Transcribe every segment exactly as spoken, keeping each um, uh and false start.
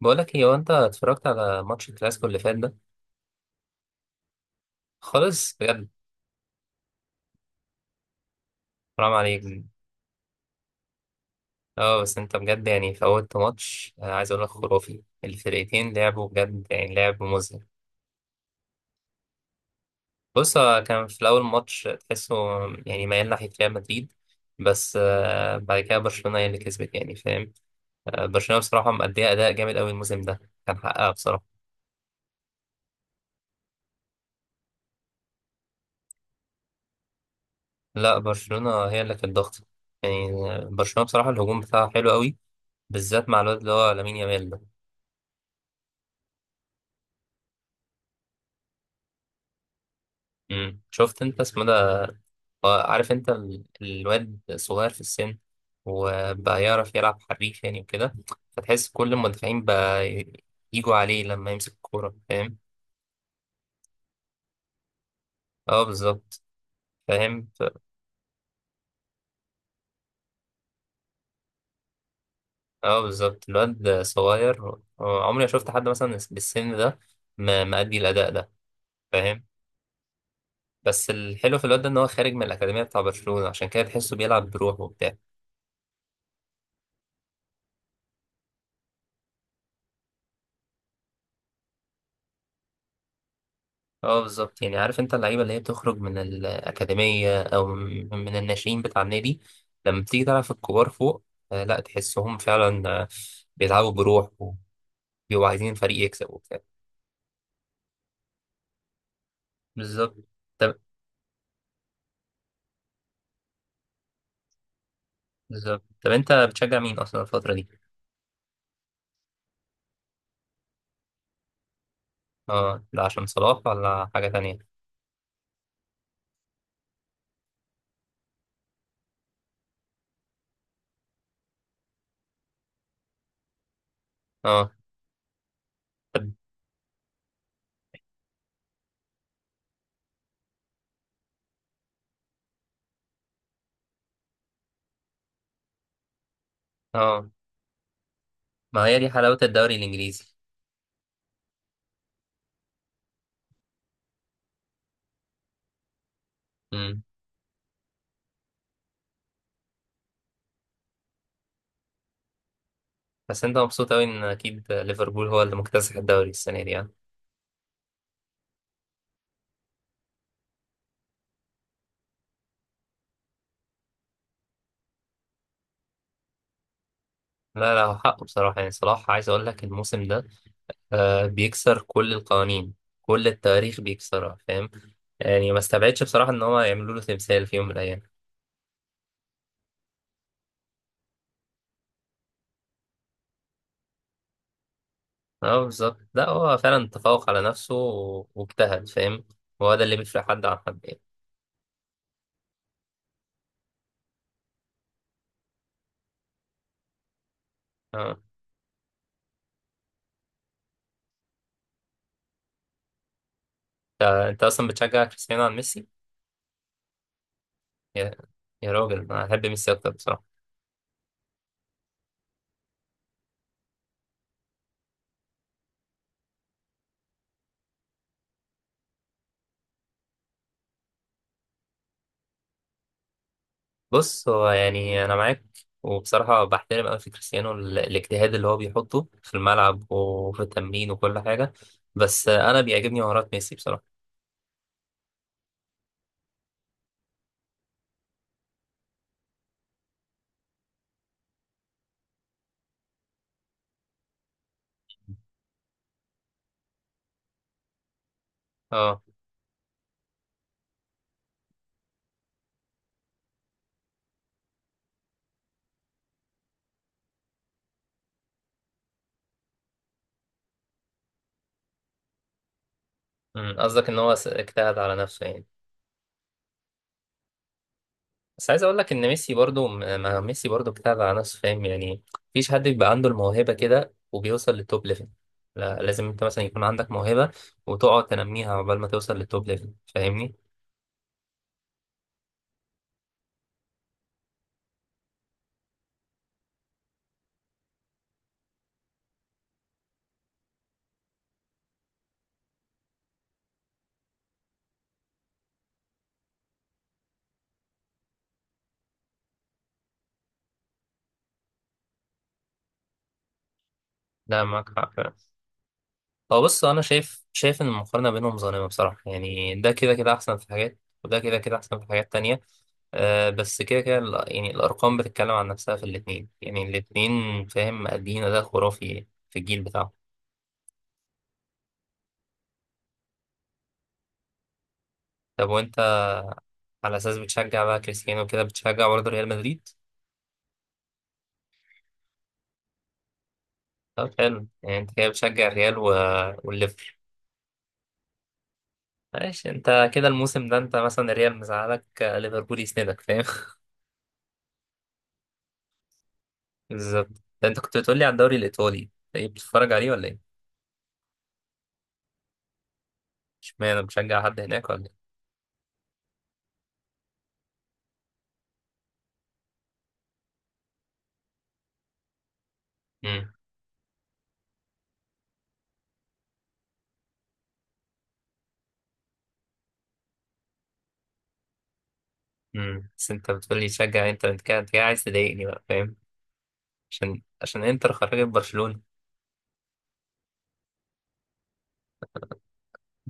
بقولك ايه، هو انت اتفرجت على ماتش الكلاسيكو اللي فات ده خالص بجد؟ حرام عليك. اه بس انت بجد يعني فوتت ماتش، آه، عايز اقول لك خرافي، الفرقتين لعبوا بجد يعني لعب مذهل. بص، هو كان في الاول ماتش تحسه يعني ميال ناحية ريال مدريد، بس آه، بعد كده برشلونة هي اللي كسبت يعني، فاهم؟ آه، برشلونة بصراحة مأدية أداء جامد أوي الموسم ده، كان حقها بصراحة. لا، برشلونة هي اللي كانت ضغط، يعني آه، برشلونة بصراحة الهجوم بتاعها حلو أوي، بالذات مع الواد اللي هو لامين يامال ده. مم. شفت انت اسمه ده؟ آه، عارف انت ال- الواد صغير في السن، وبقى يعرف يلعب حريف يعني وكده، فتحس كل المدافعين بقى ي- يجوا عليه لما يمسك الكورة، فاهم؟ اه بالظبط، فاهم ف- اه بالظبط، الواد صغير. آه، عمري ما شفت حد مثلا بالسن ده م- مأدي الأداء ده، فاهم؟ بس الحلو في الواد ده ان هو خارج من الأكاديمية بتاع برشلونة، عشان كده تحسه بيلعب بروحه وبتاع. اه بالظبط، يعني عارف انت اللعيبه اللي هي بتخرج من الاكاديميه او من من الناشئين بتاع النادي لما بتيجي تلعب في الكبار فوق. آه لا، تحسهم فعلا، آه بيلعبوا بروح وبيبقوا عايزين الفريق يكسب وبتاع. بالظبط طب بالظبط طب انت بتشجع مين اصلا الفتره دي؟ اه، ده عشان صلاح ولا حاجه تانية؟ اه طب اه، ما هي دي حلاوه الدوري الانجليزي. امم بس انت مبسوط اوي ان اكيد ليفربول هو اللي مكتسح الدوري السنه دي يعني. لا لا، هو حقه بصراحه يعني، صلاح عايز اقول لك الموسم ده آه بيكسر كل القوانين، كل التواريخ بيكسرها، فاهم؟ يعني ما استبعدش بصراحة ان هو يعملوا له تمثال في يوم من الايام. اه بالظبط، لا هو فعلا تفوق على نفسه و- واجتهد، فاهم؟ هو ده اللي بيفرق حد عن حد يعني. اه، انت انت اصلا بتشجع كريستيانو عن ميسي؟ يا يا راجل، انا احب ميسي اكتر بصراحة. بص، هو يعني انا معاك، وبصراحة بحترم أوي في كريستيانو ال- الاجتهاد اللي هو بيحطه في الملعب وفي التمرين وكل حاجة، بس أنا بيعجبني مهارات ميسي بصراحة. اه، مم، قصدك ان هو س- اجتهد على نفسه يعني؟ بس عايز اقول لك ان ميسي برضو م- ما ميسي برضو اجتهد على نفسه، فاهم يعني؟ مفيش حد بيبقى عنده الموهبة كده وبيوصل للتوب ليفل، لا لازم انت مثلا يكون عندك موهبة وتقعد تنميها عقبال ما توصل للتوب ليفل، فاهمني؟ لا معاك حق فعلا. هو بص، انا شايف شايف ان المقارنة بينهم ظالمة بصراحة، يعني ده كده كده احسن في حاجات، وده كده كده احسن في حاجات تانية. أه بس كده كده ال- يعني الارقام بتتكلم عن نفسها في الاتنين، يعني الاتنين فاهم، مأدين اداء خرافي في الجيل بتاعه. طب وانت، على اساس بتشجع بقى كريستيانو كده، بتشجع برضه ريال مدريد؟ طب حلو، يعني انت كده بتشجع الريال و... والليفر ماشي، انت كده الموسم ده، انت مثلا الريال مزعلك، آه، ليفربول يسندك، فاهم؟ بالظبط، ده انت كنت بتقولي على الدوري الايطالي، ايه، بتتفرج عليه ولا ايه؟ اشمعنى بتشجع حد هناك ولا ايه؟ امم امم بس انت بتقولي تشجع انتر، انت كده انت كده عايز تضايقني بقى، فاهم؟ عشان عشان انتر خرجت برشلونة.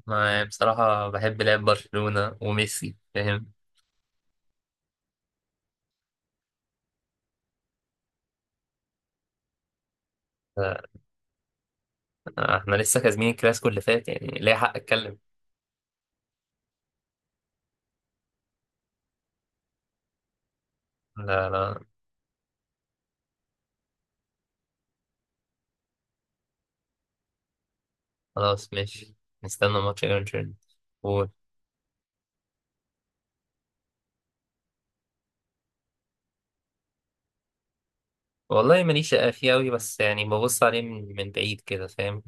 ما بصراحة بحب لعب برشلونة وميسي، فاهم؟ ف- احنا لسه كاسبين الكلاسيكو اللي فات يعني، ليه حق اتكلم. لا لا، خلاص ماشي، نستنى ماتش ايرجن. قول. والله ماليش فيه أوي، بس يعني ببص عليه من, من بعيد كده، فاهم؟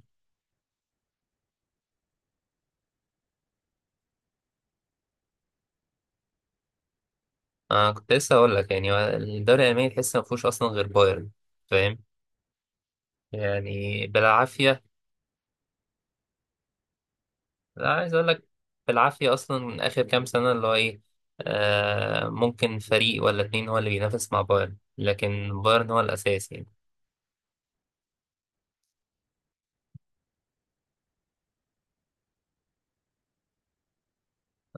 أنا كنت لسه هقول لك، يعني هو الدوري الألماني تحس ما فيهوش أصلا غير بايرن، فاهم يعني، بالعافية. لا عايز أقول لك، بالعافية أصلا آخر كام سنة، اللي هو إيه، آه ممكن فريق ولا اتنين هو اللي بينافس مع بايرن، لكن بايرن هو الأساس يعني.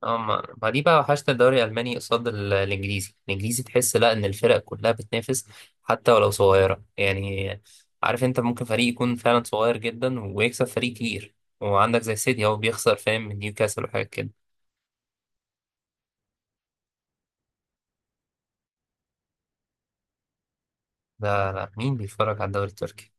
اه، ما ما دي بقى وحشت، الدوري الالماني قصاد ال- الانجليزي، الانجليزي تحس لا، ان الفرق كلها بتنافس حتى ولو صغيره يعني. عارف انت ممكن فريق يكون فعلا صغير جدا ويكسب فريق كبير، وعندك زي سيتي هو بيخسر فاهم، من نيوكاسل وحاجات كده. لا لا، مين بيتفرج على الدوري التركي؟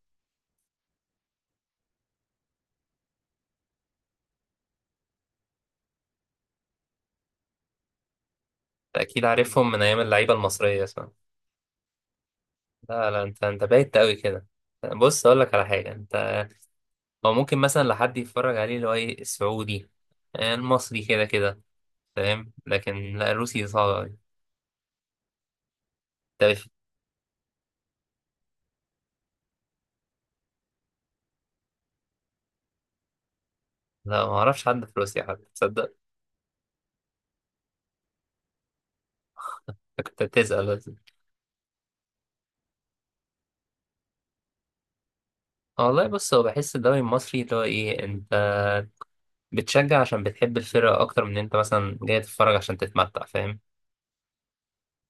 ده اكيد عارفهم من ايام اللعيبه المصريه، صح؟ لا لا، انت انت بايت قوي كده. بص، اقول لك على حاجه انت، هو ممكن مثلا لحد يتفرج عليه اللي هو ايه السعودي، المصري كده كده، فاهم، لكن لا الروسي صعب أوي. طب لا، ما اعرفش حد في روسيا حتى، تصدق؟ كنت هتسأل بس. آه، والله بص، هو بحس الدوري المصري اللي هو ايه، انت بتشجع عشان بتحب الفرقة اكتر من انت مثلا جاي تتفرج عشان تتمتع، فاهم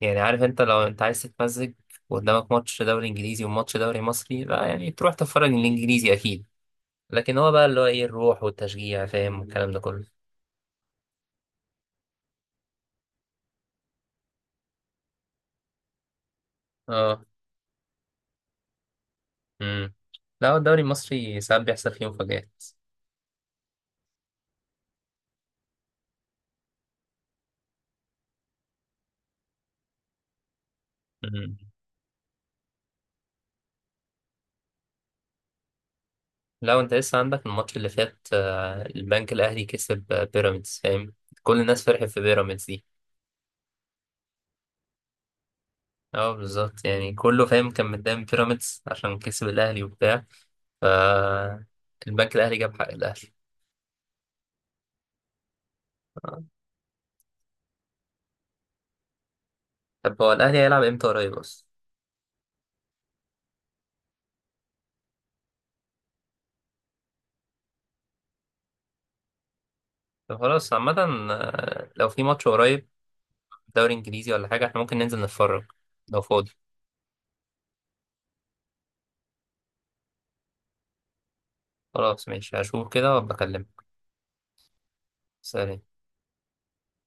يعني؟ عارف انت لو انت عايز تتمزج، وقدامك ماتش دوري انجليزي وماتش دوري مصري، لا يعني تروح تتفرج الانجليزي اكيد، لكن هو بقى اللي هو ايه الروح والتشجيع، فاهم، والكلام ده كله. اه امم لا، هو الدوري المصري ساعات بيحصل فيه مفاجآت. لو انت لسه عندك الماتش اللي فات، آه، البنك الاهلي كسب آه، بيراميدز، فاهم، كل الناس فرحت في بيراميدز دي. اه بالظبط، يعني كله فاهم كان مدام بيراميدز عشان كسب الاهلي وبتاع، ف البنك الاهلي جاب حق الاهلي. آه. طب هو الاهلي هيلعب امتى قريب اصلا؟ طب خلاص عامه، آه، لو في ماتش قريب دوري انجليزي ولا حاجه، احنا ممكن ننزل نتفرج لو فاضي. خلاص ماشي، هشوف كده وابقى اكلمك. سلام.